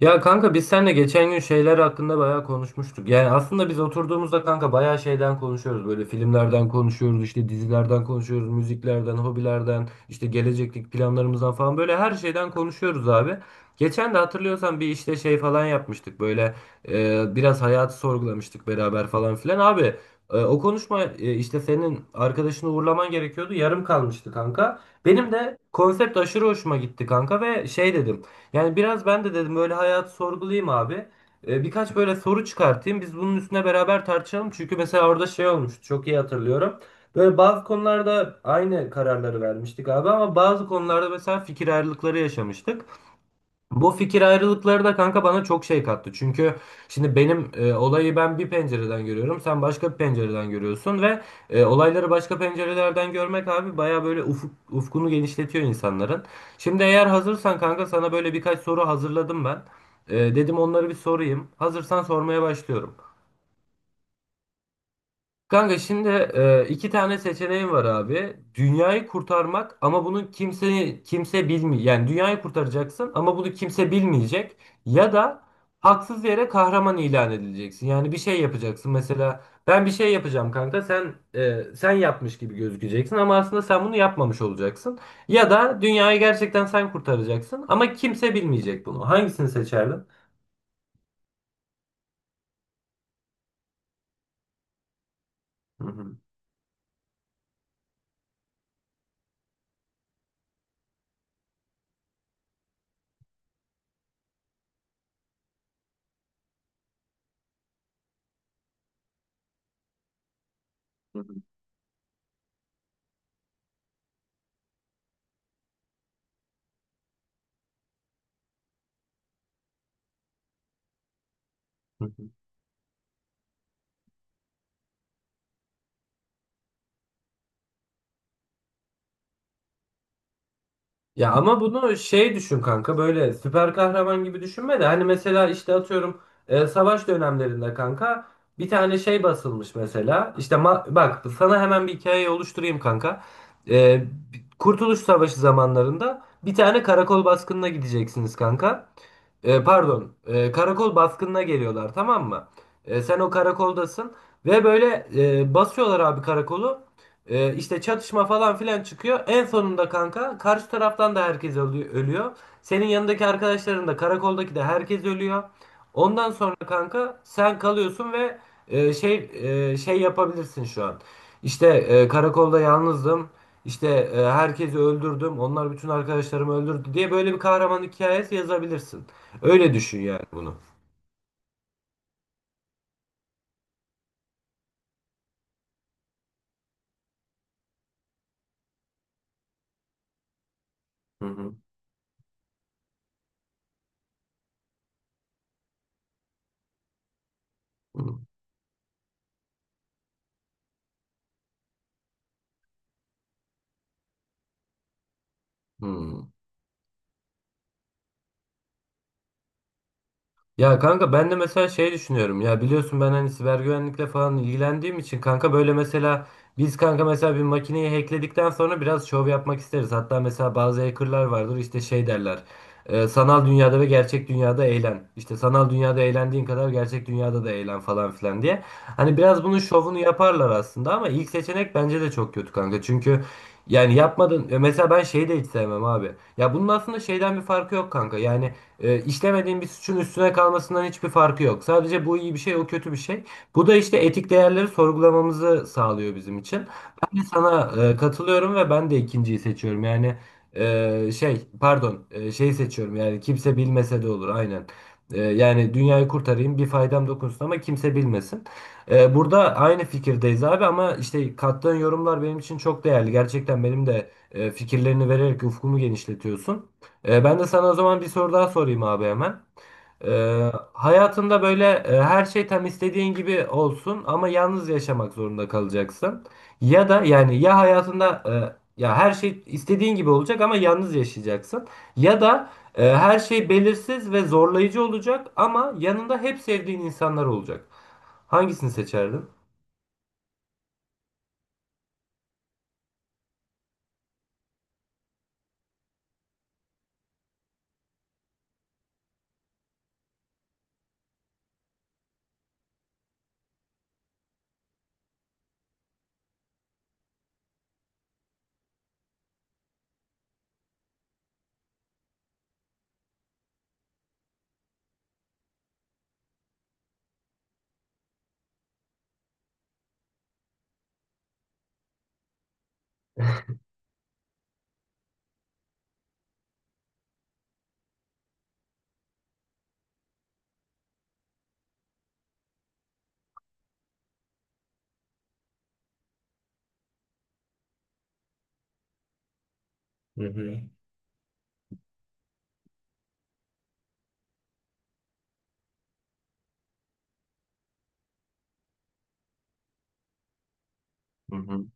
Ya kanka biz seninle geçen gün şeyler hakkında bayağı konuşmuştuk. Yani aslında biz oturduğumuzda kanka bayağı şeyden konuşuyoruz. Böyle filmlerden konuşuyoruz, işte dizilerden konuşuyoruz, müziklerden, hobilerden, işte gelecekteki planlarımızdan falan böyle her şeyden konuşuyoruz abi. Geçen de hatırlıyorsan bir işte şey falan yapmıştık böyle biraz hayatı sorgulamıştık beraber falan filan. Abi o konuşma işte senin arkadaşını uğurlaman gerekiyordu yarım kalmıştı kanka. Benim de konsept aşırı hoşuma gitti kanka ve şey dedim. Yani biraz ben de dedim böyle hayat sorgulayayım abi. Birkaç böyle soru çıkartayım. Biz bunun üstüne beraber tartışalım. Çünkü mesela orada şey olmuştu. Çok iyi hatırlıyorum. Böyle bazı konularda aynı kararları vermiştik abi ama bazı konularda mesela fikir ayrılıkları yaşamıştık. Bu fikir ayrılıkları da kanka bana çok şey kattı. Çünkü şimdi benim olayı ben bir pencereden görüyorum. Sen başka bir pencereden görüyorsun ve olayları başka pencerelerden görmek abi baya böyle ufkunu genişletiyor insanların. Şimdi eğer hazırsan kanka sana böyle birkaç soru hazırladım ben. Dedim onları bir sorayım. Hazırsan sormaya başlıyorum. Kanka şimdi iki tane seçeneğin var abi. Dünyayı kurtarmak ama bunu kimse bilmiyor. Yani dünyayı kurtaracaksın ama bunu kimse bilmeyecek. Ya da haksız yere kahraman ilan edileceksin. Yani bir şey yapacaksın. Mesela ben bir şey yapacağım kanka. Sen yapmış gibi gözükeceksin ama aslında sen bunu yapmamış olacaksın. Ya da dünyayı gerçekten sen kurtaracaksın ama kimse bilmeyecek bunu. Hangisini seçerdin? Hı hı. Ya ama bunu şey düşün kanka böyle süper kahraman gibi düşünme de hani mesela işte atıyorum savaş dönemlerinde kanka bir tane şey basılmış mesela işte bak sana hemen bir hikayeyi oluşturayım kanka. E, Kurtuluş Savaşı zamanlarında bir tane karakol baskınına gideceksiniz kanka. Pardon, karakol baskınına geliyorlar tamam mı? Sen o karakoldasın ve böyle basıyorlar abi karakolu. İşte çatışma falan filan çıkıyor. En sonunda kanka karşı taraftan da herkes ölüyor. Senin yanındaki arkadaşların da karakoldaki de herkes ölüyor. Ondan sonra kanka sen kalıyorsun ve e, şey şey yapabilirsin şu an. İşte karakolda yalnızdım. İşte herkesi öldürdüm. Onlar bütün arkadaşlarımı öldürdü diye böyle bir kahraman hikayesi yazabilirsin. Öyle düşün yani bunu. Hı hı. Hı. Hı. Hmm. Ya kanka ben de mesela şey düşünüyorum ya biliyorsun ben hani siber güvenlikle falan ilgilendiğim için kanka böyle mesela biz kanka mesela bir makineyi hackledikten sonra biraz şov yapmak isteriz. Hatta mesela bazı hackerlar vardır işte şey derler sanal dünyada ve gerçek dünyada eğlen. İşte sanal dünyada eğlendiğin kadar gerçek dünyada da eğlen falan filan diye. Hani biraz bunun şovunu yaparlar aslında ama ilk seçenek bence de çok kötü kanka çünkü yani yapmadın. Mesela ben şeyi de hiç sevmem abi. Ya bunun aslında şeyden bir farkı yok kanka. Yani işlemediğin bir suçun üstüne kalmasından hiçbir farkı yok. Sadece bu iyi bir şey, o kötü bir şey. Bu da işte etik değerleri sorgulamamızı sağlıyor bizim için. Ben de sana katılıyorum ve ben de ikinciyi seçiyorum. Yani pardon, şeyi seçiyorum. Yani kimse bilmese de olur, aynen. Yani dünyayı kurtarayım, bir faydam dokunsun ama kimse bilmesin. Burada aynı fikirdeyiz abi ama işte kattığın yorumlar benim için çok değerli. Gerçekten benim de fikirlerini vererek ufkumu genişletiyorsun. Ben de sana o zaman bir soru daha sorayım abi hemen. Hayatında böyle her şey tam istediğin gibi olsun ama yalnız yaşamak zorunda kalacaksın. Ya da yani ya hayatında ya her şey istediğin gibi olacak ama yalnız yaşayacaksın. Ya da her şey belirsiz ve zorlayıcı olacak ama yanında hep sevdiğin insanlar olacak. Hangisini seçerdin? Hı hı. Hı hı.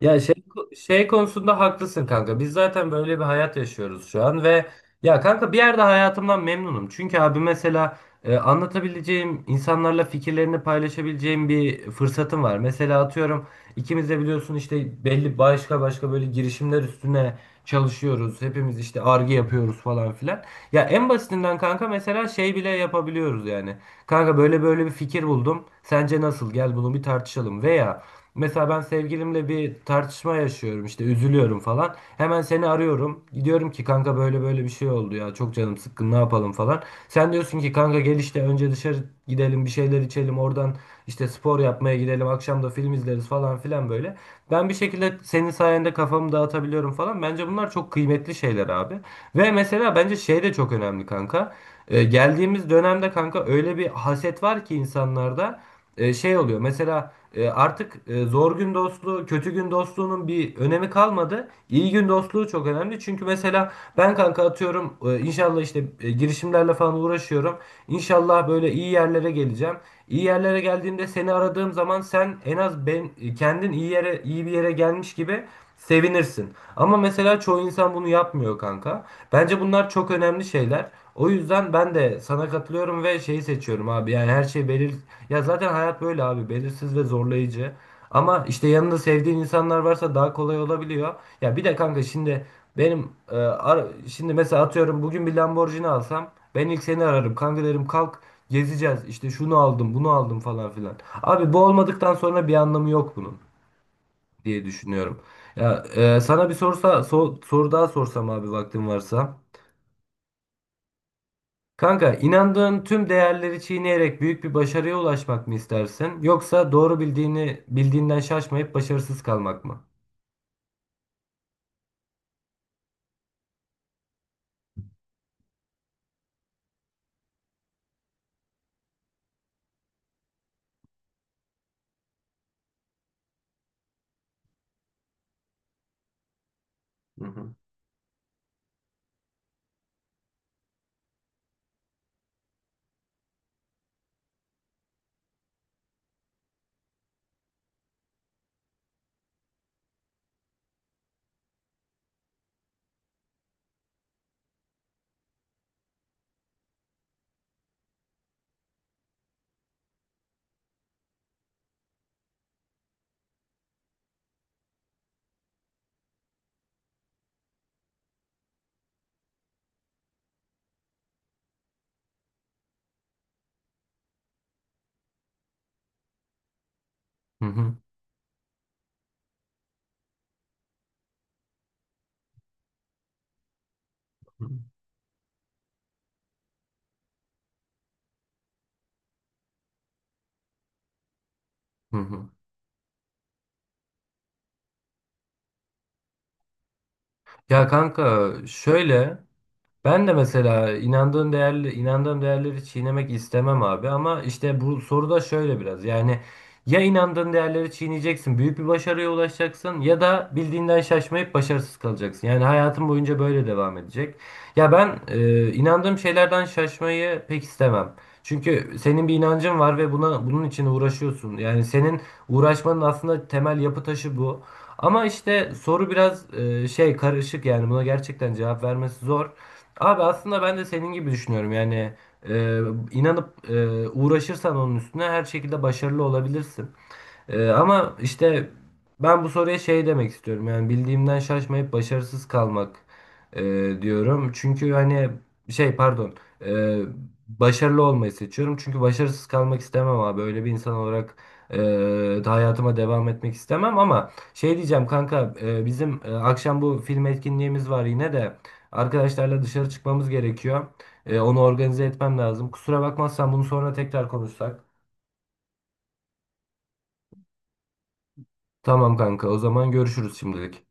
Ya şey konusunda haklısın kanka. Biz zaten böyle bir hayat yaşıyoruz şu an ve ya kanka bir yerde hayatımdan memnunum. Çünkü abi mesela anlatabileceğim, insanlarla fikirlerini paylaşabileceğim bir fırsatım var. Mesela atıyorum ikimiz de biliyorsun işte belli başka başka böyle girişimler üstüne çalışıyoruz. Hepimiz işte arge yapıyoruz falan filan. Ya en basitinden kanka mesela şey bile yapabiliyoruz yani. Kanka böyle böyle bir fikir buldum. Sence nasıl? Gel bunu bir tartışalım. Veya mesela ben sevgilimle bir tartışma yaşıyorum işte üzülüyorum falan. Hemen seni arıyorum. Diyorum ki kanka böyle böyle bir şey oldu ya. Çok canım sıkkın ne yapalım falan. Sen diyorsun ki kanka gel işte önce dışarı gidelim bir şeyler içelim. Oradan işte spor yapmaya gidelim. Akşam da film izleriz falan filan böyle. Ben bir şekilde senin sayende kafamı dağıtabiliyorum falan. Bence bunlar çok kıymetli lezzetli şeyler abi. Ve mesela bence şey de çok önemli kanka. Geldiğimiz dönemde kanka öyle bir haset var ki insanlarda şey oluyor. Mesela artık zor gün dostluğu, kötü gün dostluğunun bir önemi kalmadı. İyi gün dostluğu çok önemli. Çünkü mesela ben kanka atıyorum inşallah işte girişimlerle falan uğraşıyorum. İnşallah böyle iyi yerlere geleceğim. İyi yerlere geldiğimde seni aradığım zaman sen en az ben kendin iyi bir yere gelmiş gibi sevinirsin. Ama mesela çoğu insan bunu yapmıyor kanka. Bence bunlar çok önemli şeyler. O yüzden ben de sana katılıyorum ve şeyi seçiyorum abi. Yani her şey belir ya zaten hayat böyle abi. Belirsiz ve zorlayıcı. Ama işte yanında sevdiğin insanlar varsa daha kolay olabiliyor. Ya bir de kanka şimdi benim e, ar- şimdi mesela atıyorum bugün bir Lamborghini alsam ben ilk seni ararım. Kanka derim kalk gezeceğiz. İşte şunu aldım, bunu aldım falan filan. Abi bu olmadıktan sonra bir anlamı yok bunun diye düşünüyorum. Ya sana bir soru daha sorsam abi vaktin varsa. Kanka inandığın tüm değerleri çiğneyerek büyük bir başarıya ulaşmak mı istersin yoksa doğru bildiğinden şaşmayıp başarısız kalmak mı? Hı hı. Hı hı. Hı. Hı. Ya kanka şöyle. Ben de mesela inandığım değerleri çiğnemek istemem abi ama işte bu soruda şöyle biraz yani ya inandığın değerleri çiğneyeceksin, büyük bir başarıya ulaşacaksın ya da bildiğinden şaşmayıp başarısız kalacaksın. Yani hayatın boyunca böyle devam edecek. Ya ben inandığım şeylerden şaşmayı pek istemem. Çünkü senin bir inancın var ve bunun için uğraşıyorsun. Yani senin uğraşmanın aslında temel yapı taşı bu. Ama işte soru biraz şey karışık yani buna gerçekten cevap vermesi zor. Abi aslında ben de senin gibi düşünüyorum. Yani e, inanıp uğraşırsan onun üstüne her şekilde başarılı olabilirsin. Ama işte ben bu soruya şey demek istiyorum. Yani bildiğimden şaşmayıp başarısız kalmak e, diyorum. Çünkü hani şey pardon e, başarılı olmayı seçiyorum. Çünkü başarısız kalmak istemem abi. Böyle bir insan olarak e, da hayatıma devam etmek istemem ama şey diyeceğim kanka bizim akşam bu film etkinliğimiz var yine de arkadaşlarla dışarı çıkmamız gerekiyor. Onu organize etmem lazım. Kusura bakmazsan bunu sonra tekrar konuşsak. Tamam kanka o zaman görüşürüz şimdilik.